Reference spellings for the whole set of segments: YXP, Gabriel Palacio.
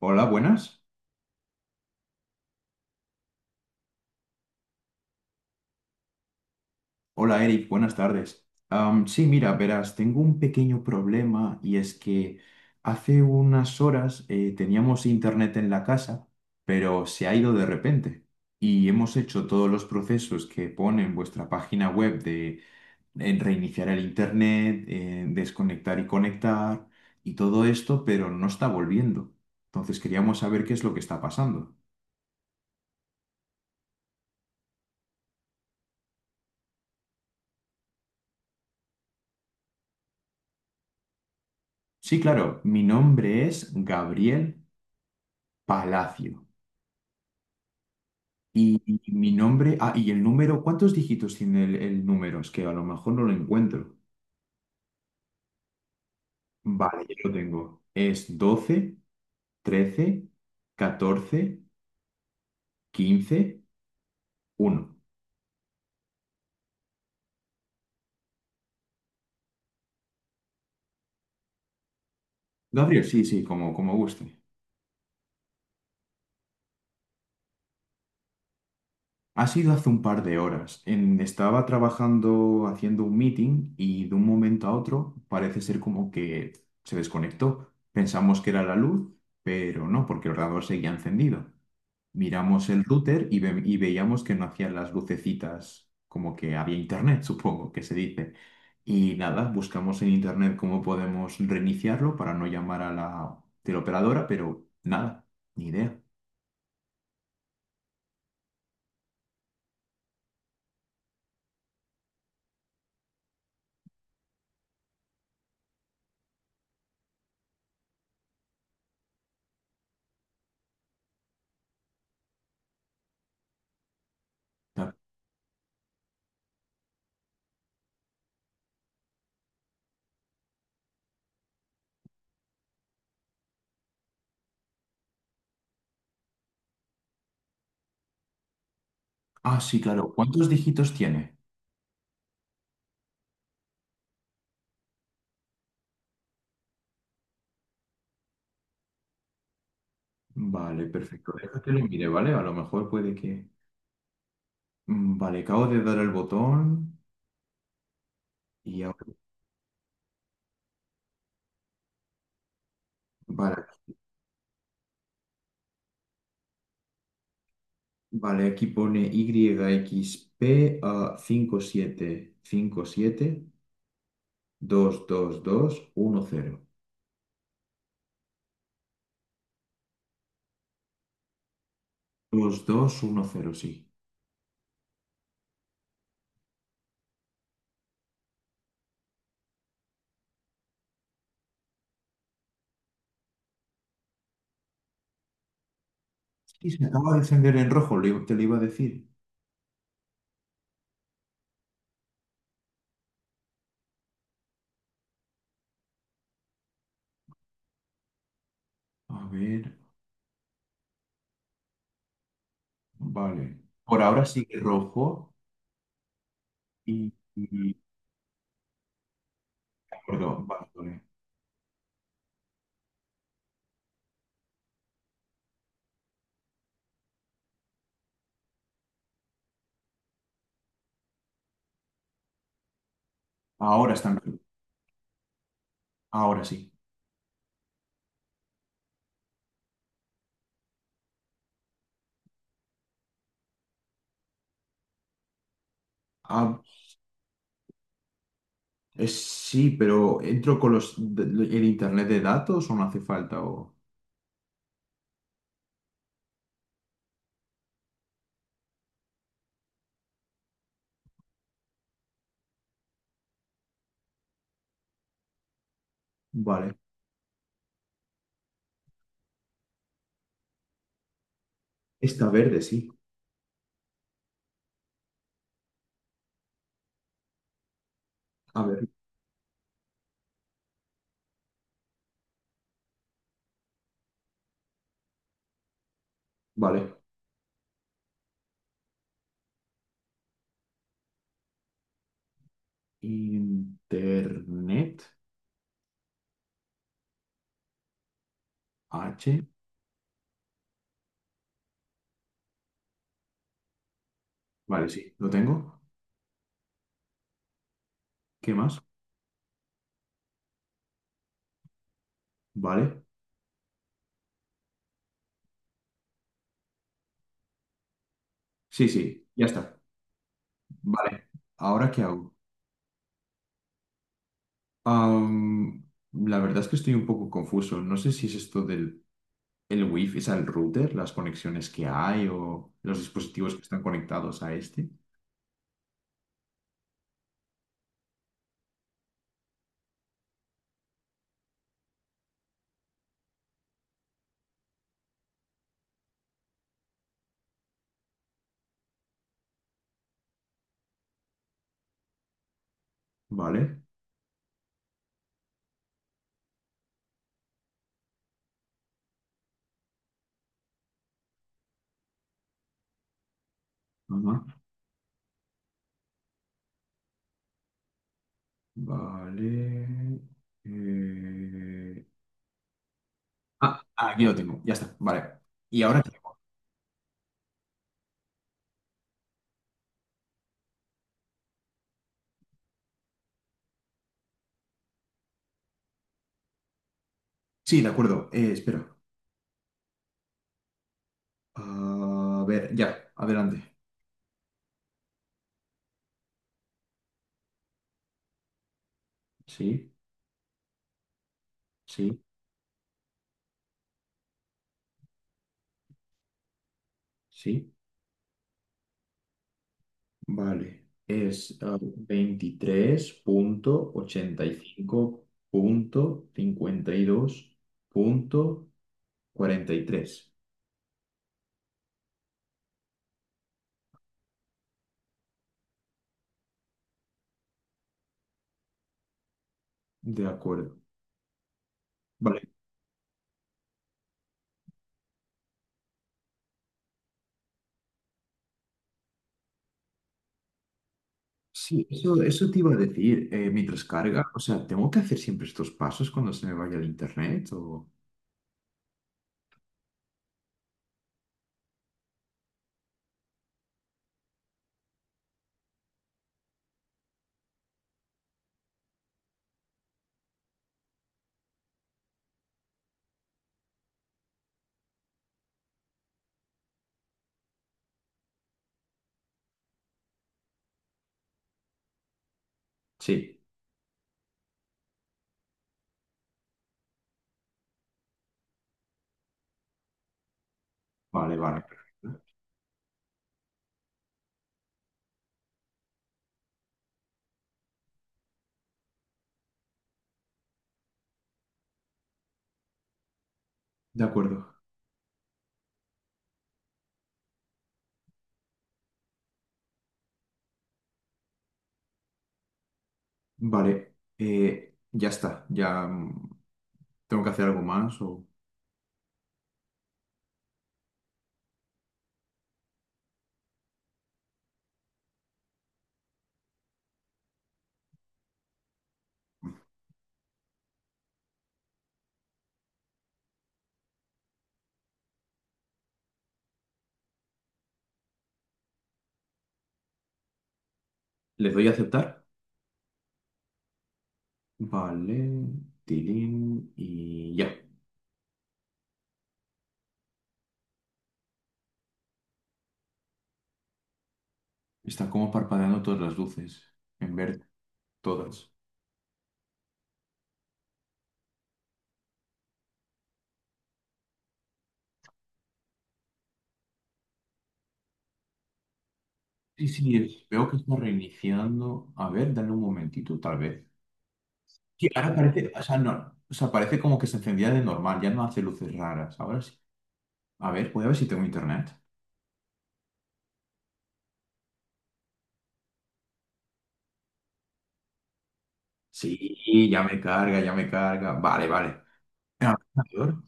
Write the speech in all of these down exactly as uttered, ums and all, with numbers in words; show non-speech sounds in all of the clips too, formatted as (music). Hola, buenas. Hola, Eric, buenas tardes. Am, sí, mira, verás, tengo un pequeño problema y es que hace unas horas eh, teníamos internet en la casa, pero se ha ido de repente y hemos hecho todos los procesos que pone en vuestra página web de en reiniciar el internet, eh, desconectar y conectar y todo esto, pero no está volviendo. Entonces queríamos saber qué es lo que está pasando. Sí, claro, mi nombre es Gabriel Palacio. Y, y mi nombre, ah, y el número, ¿cuántos dígitos tiene el, el número? Es que a lo mejor no lo encuentro. Vale, yo lo tengo. Es doce trece catorce quince uno. Gabriel, sí, sí, como, como guste. Ha sido hace un par de horas. En- estaba trabajando haciendo un meeting y de un momento a otro parece ser como que se desconectó. Pensamos que era la luz, pero no, porque el ordenador seguía encendido. Miramos el router y, ve- y veíamos que no hacían las lucecitas, como que había internet, (laughs) supongo que se dice. Y nada, buscamos en internet cómo podemos reiniciarlo para no llamar a la teleoperadora, pero nada, ni idea. Ah, sí, claro. ¿Cuántos dígitos tiene? Vale, perfecto. Déjate lo mire, ¿vale? A lo mejor puede que. Mm, vale, acabo de dar el botón y ahora. Vale, vale, aquí pone Y X P a cinco cinco siete cinco siete dos dos dos uno cero dos dos uno cero sí. Sí, se acaba de encender en rojo, le- te lo iba a decir. A ver, vale. Por ahora sigue rojo y... y- de acuerdo, vale, vale. Ahora está en rojo. Ahora sí. Ah, Eh, sí, pero ¿entro con los, de- de- el internet de datos o no hace falta? O. Vale. Está verde, sí. A ver, vale. Internet. H. Vale, sí, lo tengo. ¿Qué más? Vale. Sí, sí, ya está. Vale. ¿Ahora qué hago? Am, la verdad es que estoy un poco confuso. No sé si es esto del el wifi, es el router, las conexiones que hay o los dispositivos que están conectados a este. Vale. Ajá. Vale. eh, Ah, aquí lo tengo. Ya está. Vale. Y ahora tengo. Sí, de acuerdo. eh, espera. A ver, ya. Adelante. Sí, sí, sí. Vale. Es ah, veintitrés punto ochenta y cinco punto cincuenta y dos punto cuarenta y tres. De acuerdo. Vale. Sí, eso, eso te iba a decir, eh, mientras carga, o sea, ¿tengo que hacer siempre estos pasos cuando se me vaya el internet o? Sí, vale, vale, perfecto. De acuerdo, vale, eh, ya está, ya mm, tengo que hacer algo más o. ¿Les doy a aceptar? Vale, tilín y ya. Están como parpadeando todas las luces, en verde, todas. Sí, sí, es- veo que está reiniciando. A ver, dale un momentito, tal vez que ahora parece, o sea, no, o sea, parece como que se encendía de normal, ya no hace luces raras. Ahora sí. A ver, voy a ver si tengo internet. Sí, ya me carga, ya me carga. Vale, vale. Ah, mayor.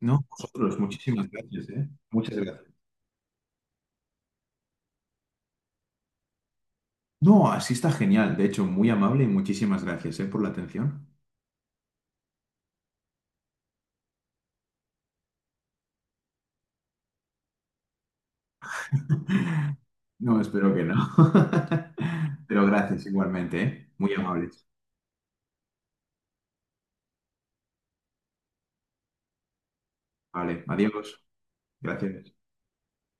No, vosotros, muchísimas gracias, ¿eh? Muchas gracias. No, así está genial. De hecho, muy amable y muchísimas gracias, ¿eh? Por la atención. (laughs) No, espero que no. (laughs) Pero gracias igualmente, ¿eh? Muy amables. Vale, adiós. Gracias.